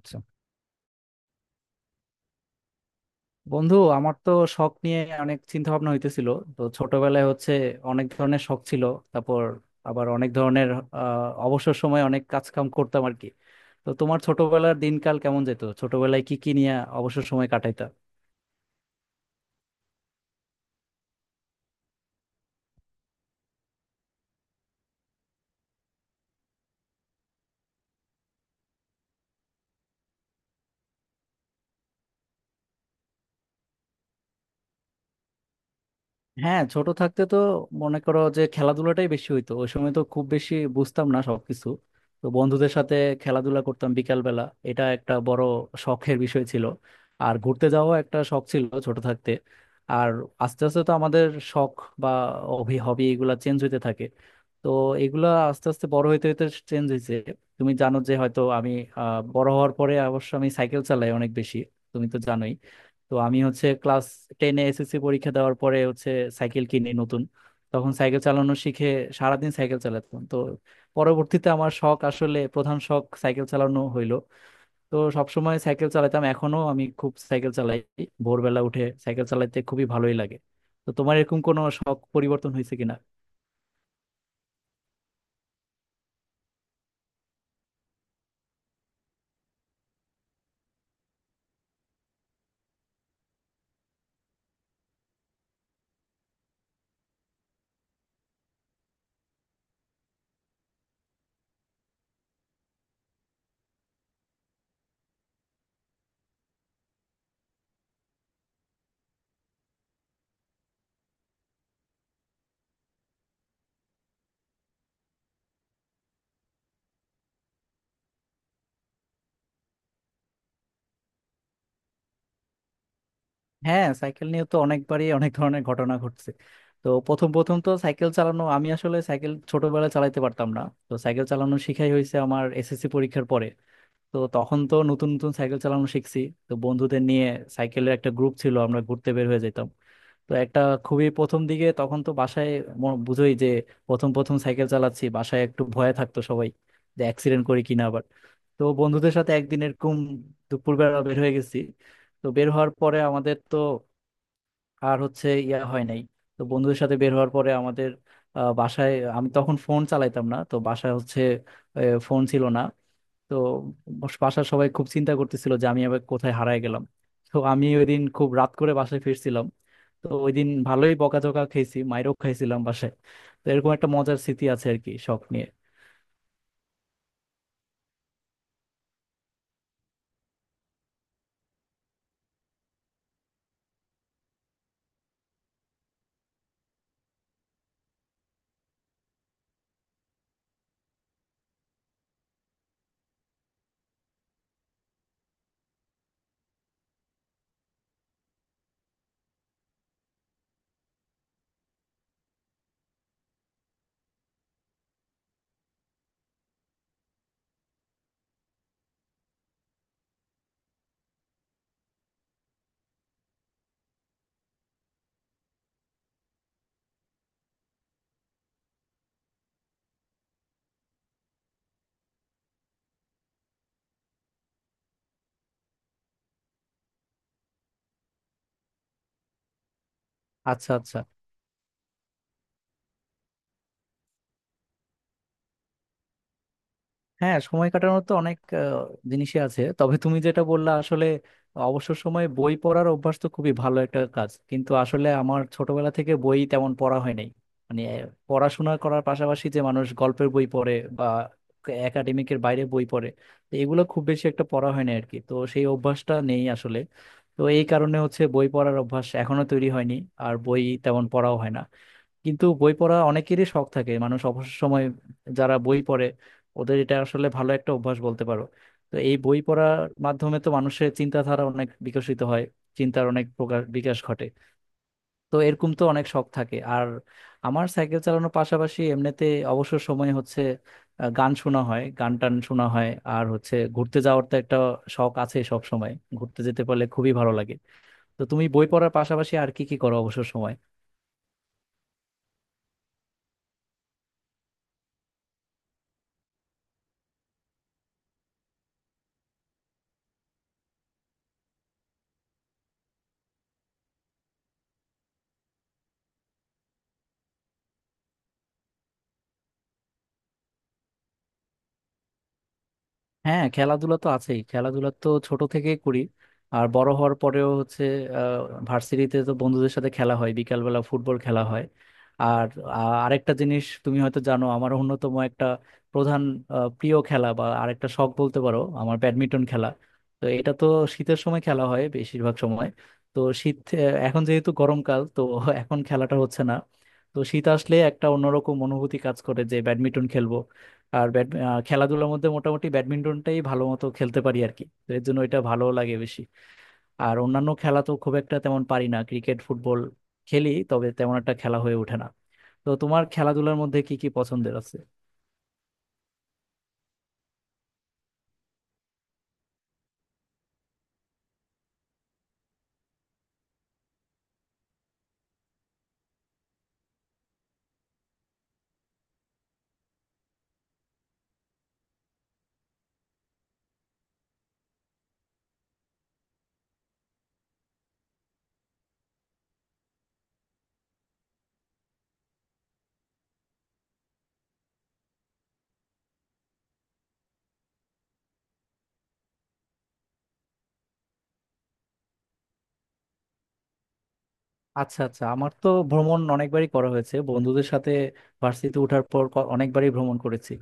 আচ্ছা বন্ধু, আমার তো শখ নিয়ে অনেক চিন্তা ভাবনা হইতেছিল। তো ছোটবেলায় হচ্ছে অনেক ধরনের শখ ছিল, তারপর আবার অনেক ধরনের অবসর সময় অনেক কাজ কাম করতাম আর কি। তো তোমার ছোটবেলার দিনকাল কেমন যেত, ছোটবেলায় কি কি নিয়ে অবসর সময় কাটাইতা? হ্যাঁ, ছোট থাকতে তো মনে করো যে খেলাধুলাটাই বেশি হইতো, ওই সময় তো খুব বেশি বুঝতাম না সবকিছু। তো বন্ধুদের সাথে খেলাধুলা করতাম বিকাল বেলা, এটা একটা বড় শখের বিষয় ছিল। আর ঘুরতে যাওয়া একটা শখ ছিল ছোট থাকতে। আর আস্তে আস্তে তো আমাদের শখ বা হবি হবি এগুলা চেঞ্জ হইতে থাকে। তো এগুলা আস্তে আস্তে বড় হইতে হইতে চেঞ্জ হয়েছে। তুমি জানো যে হয়তো আমি বড় হওয়ার পরে অবশ্য আমি সাইকেল চালাই অনেক বেশি, তুমি তো জানোই। তো আমি হচ্ছে ক্লাস টেনে এসএসসি পরীক্ষা দেওয়ার পরে হচ্ছে সাইকেল কিনি নতুন। তখন সাইকেল চালানো শিখে সারাদিন সাইকেল চালাতাম। তো পরবর্তীতে আমার শখ আসলে প্রধান শখ সাইকেল চালানো হইলো। তো সবসময় সাইকেল চালাতাম, এখনো আমি খুব সাইকেল চালাই। ভোরবেলা উঠে সাইকেল চালাতে খুবই ভালোই লাগে। তো তোমার এরকম কোনো শখ পরিবর্তন হয়েছে কিনা? হ্যাঁ, সাইকেল নিয়ে তো অনেকবারই অনেক ধরনের ঘটনা ঘটছে। তো প্রথম প্রথম তো সাইকেল চালানো, আমি আসলে সাইকেল ছোটবেলায় চালাতে পারতাম না। তো সাইকেল চালানো শিখাই হয়েছে আমার এসএসসি পরীক্ষার পরে। তো তখন তো নতুন নতুন সাইকেল চালানো শিখছি। তো বন্ধুদের নিয়ে সাইকেলের একটা গ্রুপ ছিল, আমরা ঘুরতে বের হয়ে যেতাম। তো একটা খুবই প্রথম দিকে তখন তো বাসায় বুঝোই যে প্রথম প্রথম সাইকেল চালাচ্ছি, বাসায় একটু ভয়ে থাকতো সবাই যে অ্যাক্সিডেন্ট করি কিনা আবার। তো বন্ধুদের সাথে একদিন এরকম দুপুরবেলা বের হয়ে গেছি। তো বের হওয়ার পরে আমাদের তো আর হচ্ছে ইয়া হয় নাই। তো বন্ধুদের সাথে বের হওয়ার পরে আমাদের বাসায়, আমি তখন ফোন চালাইতাম না, তো বাসায় হচ্ছে ফোন ছিল না। তো বাসার সবাই খুব চিন্তা করতেছিল যে আমি আবার কোথায় হারায় গেলাম। তো আমি ওই দিন খুব রাত করে বাসায় ফিরছিলাম। তো ওই দিন ভালোই বকাঝকা খেয়েছি, মাইরও খাইছিলাম বাসায়। তো এরকম একটা মজার স্মৃতি আছে আর কি শখ নিয়ে। আচ্ছা আচ্ছা। হ্যাঁ, সময় কাটানোর তো অনেক জিনিসই আছে, তবে তুমি যেটা বললা আসলে অবসর সময়ে বই পড়ার অভ্যাস তো খুবই ভালো একটা কাজ, কিন্তু আসলে আমার ছোটবেলা থেকে বই তেমন পড়া হয় নাই। মানে পড়াশোনা করার পাশাপাশি যে মানুষ গল্পের বই পড়ে বা একাডেমিকের বাইরে বই পড়ে, তো এগুলো খুব বেশি একটা পড়া হয় না আর কি, তো সেই অভ্যাসটা নেই আসলে। তো এই কারণে হচ্ছে বই পড়ার অভ্যাস এখনো তৈরি হয়নি, আর বই তেমন পড়াও হয় না। কিন্তু বই পড়া অনেকেরই শখ থাকে, মানুষ অবসর সময় যারা বই পড়ে, ওদের এটা আসলে ভালো একটা অভ্যাস বলতে পারো। তো এই বই পড়ার মাধ্যমে তো মানুষের চিন্তাধারা অনেক বিকশিত হয়, চিন্তার অনেক প্রকার বিকাশ ঘটে। তো এরকম তো অনেক শখ থাকে। আর আমার সাইকেল চালানোর পাশাপাশি এমনিতে অবসর সময় হচ্ছে গান শোনা হয়, গান টান শোনা হয়। আর হচ্ছে ঘুরতে যাওয়ার তো একটা শখ আছে সব সময়, ঘুরতে যেতে পারলে খুবই ভালো লাগে। তো তুমি বই পড়ার পাশাপাশি আর কি কি করো অবসর সময়? হ্যাঁ, খেলাধুলা তো আছেই, খেলাধুলা তো ছোট থেকে করি। আর বড় হওয়ার পরেও হচ্ছে ভার্সিটিতে তো বন্ধুদের সাথে খেলা হয়, বিকালবেলা ফুটবল খেলা হয়। আর আরেকটা জিনিস তুমি হয়তো জানো, আমার অন্যতম একটা প্রধান প্রিয় খেলা বা আরেকটা শখ বলতে পারো আমার ব্যাডমিন্টন খেলা। তো এটা তো শীতের সময় খেলা হয় বেশিরভাগ সময়। তো শীত এখন যেহেতু গরমকাল, তো এখন খেলাটা হচ্ছে না। তো শীত আসলে একটা অন্যরকম অনুভূতি কাজ করে যে ব্যাডমিন্টন খেলবো। আর খেলাধুলার মধ্যে মোটামুটি ব্যাডমিন্টনটাই ভালো মতো খেলতে পারি আর কি, তো এর জন্য এটা ভালো লাগে বেশি। আর অন্যান্য খেলা তো খুব একটা তেমন পারি না, ক্রিকেট ফুটবল খেলি তবে তেমন একটা খেলা হয়ে ওঠে না। তো তোমার খেলাধুলার মধ্যে কি কি পছন্দের আছে? আচ্ছা আচ্ছা, আমার তো ভ্রমণ অনেকবারই করা হয়েছে বন্ধুদের সাথে। ভার্সিটিতে ওঠার পর অনেকবারই ভ্রমণ করেছি।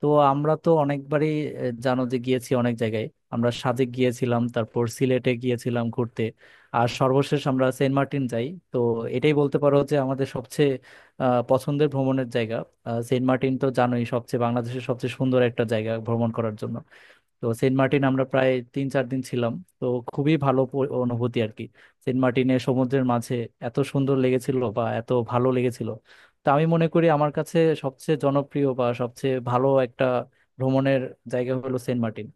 তো আমরা তো অনেকবারই জানো যে গিয়েছি অনেক জায়গায়। আমরা সাজেক গিয়েছিলাম, তারপর সিলেটে গিয়েছিলাম ঘুরতে। আর সর্বশেষ আমরা সেন্ট মার্টিন যাই। তো এটাই বলতে পারো যে আমাদের সবচেয়ে পছন্দের ভ্রমণের জায়গা। সেন্ট মার্টিন তো জানোই সবচেয়ে, বাংলাদেশের সবচেয়ে সুন্দর একটা জায়গা ভ্রমণ করার জন্য। তো সেন্ট মার্টিন আমরা প্রায় তিন চার দিন ছিলাম। তো খুবই ভালো অনুভূতি আর কি। সেন্ট মার্টিনে সমুদ্রের মাঝে এত সুন্দর লেগেছিল বা এত ভালো লেগেছিল, তা আমি মনে করি আমার কাছে সবচেয়ে জনপ্রিয় বা সবচেয়ে ভালো একটা ভ্রমণের জায়গা হলো সেন্ট মার্টিন।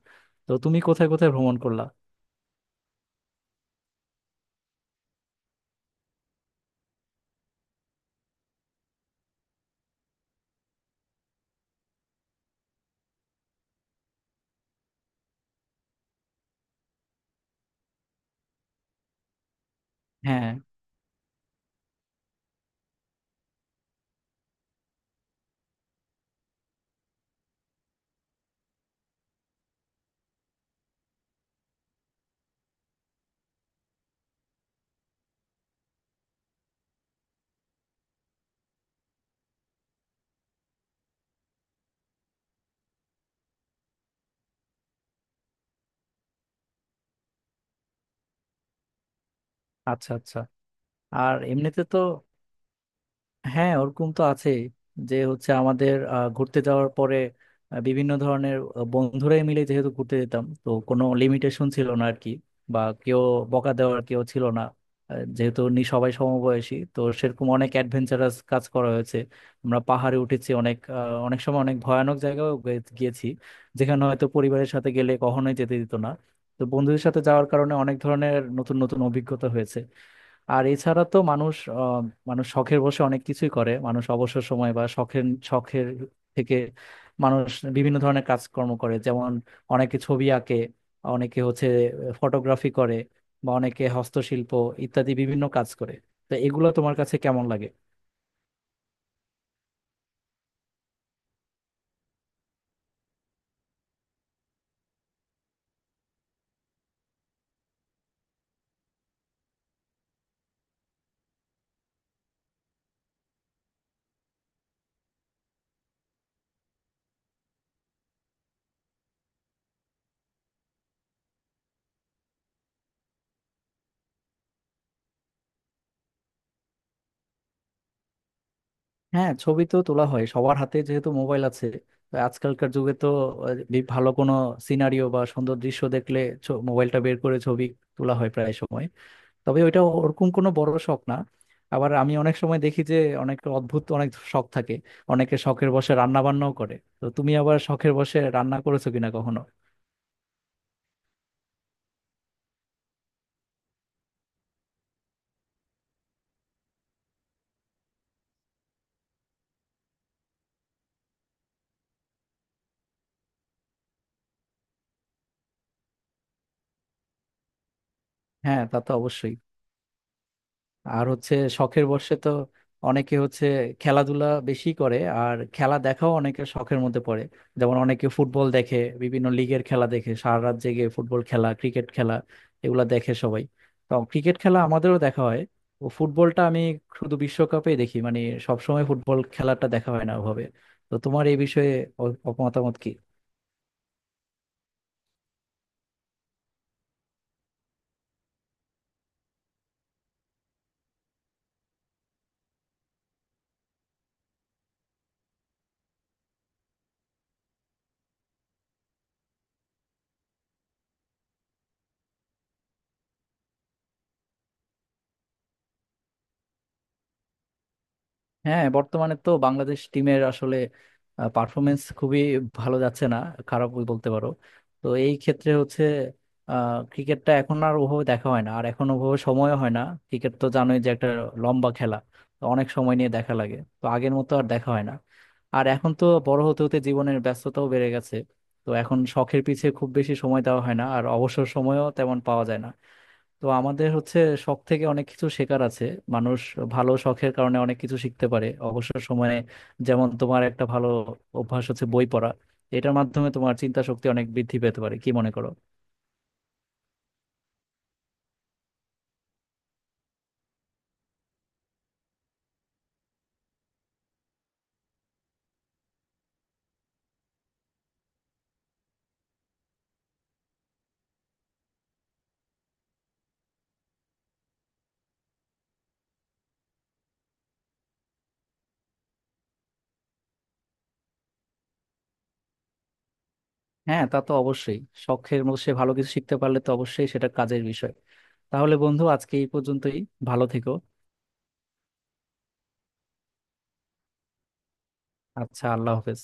তো তুমি কোথায় কোথায় ভ্রমণ করলা? হ্যাঁ। আচ্ছা আচ্ছা। আর এমনিতে তো হ্যাঁ ওরকম তো আছে যে হচ্ছে আমাদের ঘুরতে যাওয়ার পরে বিভিন্ন ধরনের বন্ধুরাই মিলে যেহেতু ঘুরতে যেতাম, তো কোনো লিমিটেশন ছিল না আর কি। বা কেউ বকা দেওয়ার কেউ ছিল না। যেহেতু নি সবাই সমবয়সী, তো সেরকম অনেক অ্যাডভেঞ্চারাস কাজ করা হয়েছে। আমরা পাহাড়ে উঠেছি অনেক, অনেক সময় অনেক ভয়ানক জায়গায় গিয়েছি যেখানে হয়তো পরিবারের সাথে গেলে কখনোই যেতে দিত না। তো বন্ধুদের সাথে যাওয়ার কারণে অনেক ধরনের নতুন নতুন অভিজ্ঞতা হয়েছে। আর এছাড়া তো মানুষ শখের বসে অনেক কিছুই করে। মানুষ অবসর সময় বা শখের শখের থেকে মানুষ বিভিন্ন ধরনের কাজকর্ম করে। যেমন অনেকে ছবি আঁকে, অনেকে হচ্ছে ফটোগ্রাফি করে, বা অনেকে হস্তশিল্প ইত্যাদি বিভিন্ন কাজ করে। তো এগুলো তোমার কাছে কেমন লাগে? হ্যাঁ, ছবি তো তোলা হয় সবার হাতে যেহেতু মোবাইল আছে। তো আজকালকার যুগে তো ভালো কোনো সিনারিও বা সুন্দর দৃশ্য দেখলে মোবাইলটা বের করে ছবি তোলা হয় প্রায় সময়। তবে ওইটা ওরকম কোনো বড় শখ না। আবার আমি অনেক সময় দেখি যে অনেক অদ্ভুত অনেক শখ থাকে, অনেকে শখের বসে রান্না বান্নাও করে। তো তুমি আবার শখের বসে রান্না করেছো কিনা কখনো? হ্যাঁ, তা তো অবশ্যই। আর হচ্ছে শখের বশে তো অনেকে হচ্ছে খেলাধুলা বেশি করে, আর খেলা দেখাও অনেকের শখের মধ্যে পড়ে। যেমন অনেকে ফুটবল দেখে, বিভিন্ন লিগের খেলা দেখে, সারা রাত জেগে ফুটবল খেলা, ক্রিকেট খেলা এগুলা দেখে সবাই। তো ক্রিকেট খেলা আমাদেরও দেখা হয়। ও ফুটবলটা আমি শুধু বিশ্বকাপেই দেখি, মানে সবসময় ফুটবল খেলাটা দেখা হয় না ওভাবে। তো তোমার এই বিষয়ে মতামত কি? হ্যাঁ, বর্তমানে তো বাংলাদেশ টিমের আসলে পারফরমেন্স খুবই ভালো যাচ্ছে না, খারাপ বলতে পারো। তো এই ক্ষেত্রে হচ্ছে ক্রিকেটটা এখন আর ওভাবে দেখা হয় না, আর এখন ওভাবে সময়ও হয় না। ক্রিকেট তো জানোই যে একটা লম্বা খেলা, তো অনেক সময় নিয়ে দেখা লাগে, তো আগের মতো আর দেখা হয় না। আর এখন তো বড় হতে হতে জীবনের ব্যস্ততাও বেড়ে গেছে। তো এখন শখের পিছে খুব বেশি সময় দেওয়া হয় না, আর অবসর সময়ও তেমন পাওয়া যায় না। তো আমাদের হচ্ছে শখ থেকে অনেক কিছু শেখার আছে। মানুষ ভালো শখের কারণে অনেক কিছু শিখতে পারে অবসর সময়ে। যেমন তোমার একটা ভালো অভ্যাস হচ্ছে বই পড়া, এটার মাধ্যমে তোমার চিন্তা শক্তি অনেক বৃদ্ধি পেতে পারে, কি মনে করো? হ্যাঁ, তা তো অবশ্যই, শখের মধ্যে সে ভালো কিছু শিখতে পারলে তো অবশ্যই সেটা কাজের বিষয়। তাহলে বন্ধু আজকে এই পর্যন্তই, ভালো থেকো। আচ্ছা, আল্লাহ হাফেজ।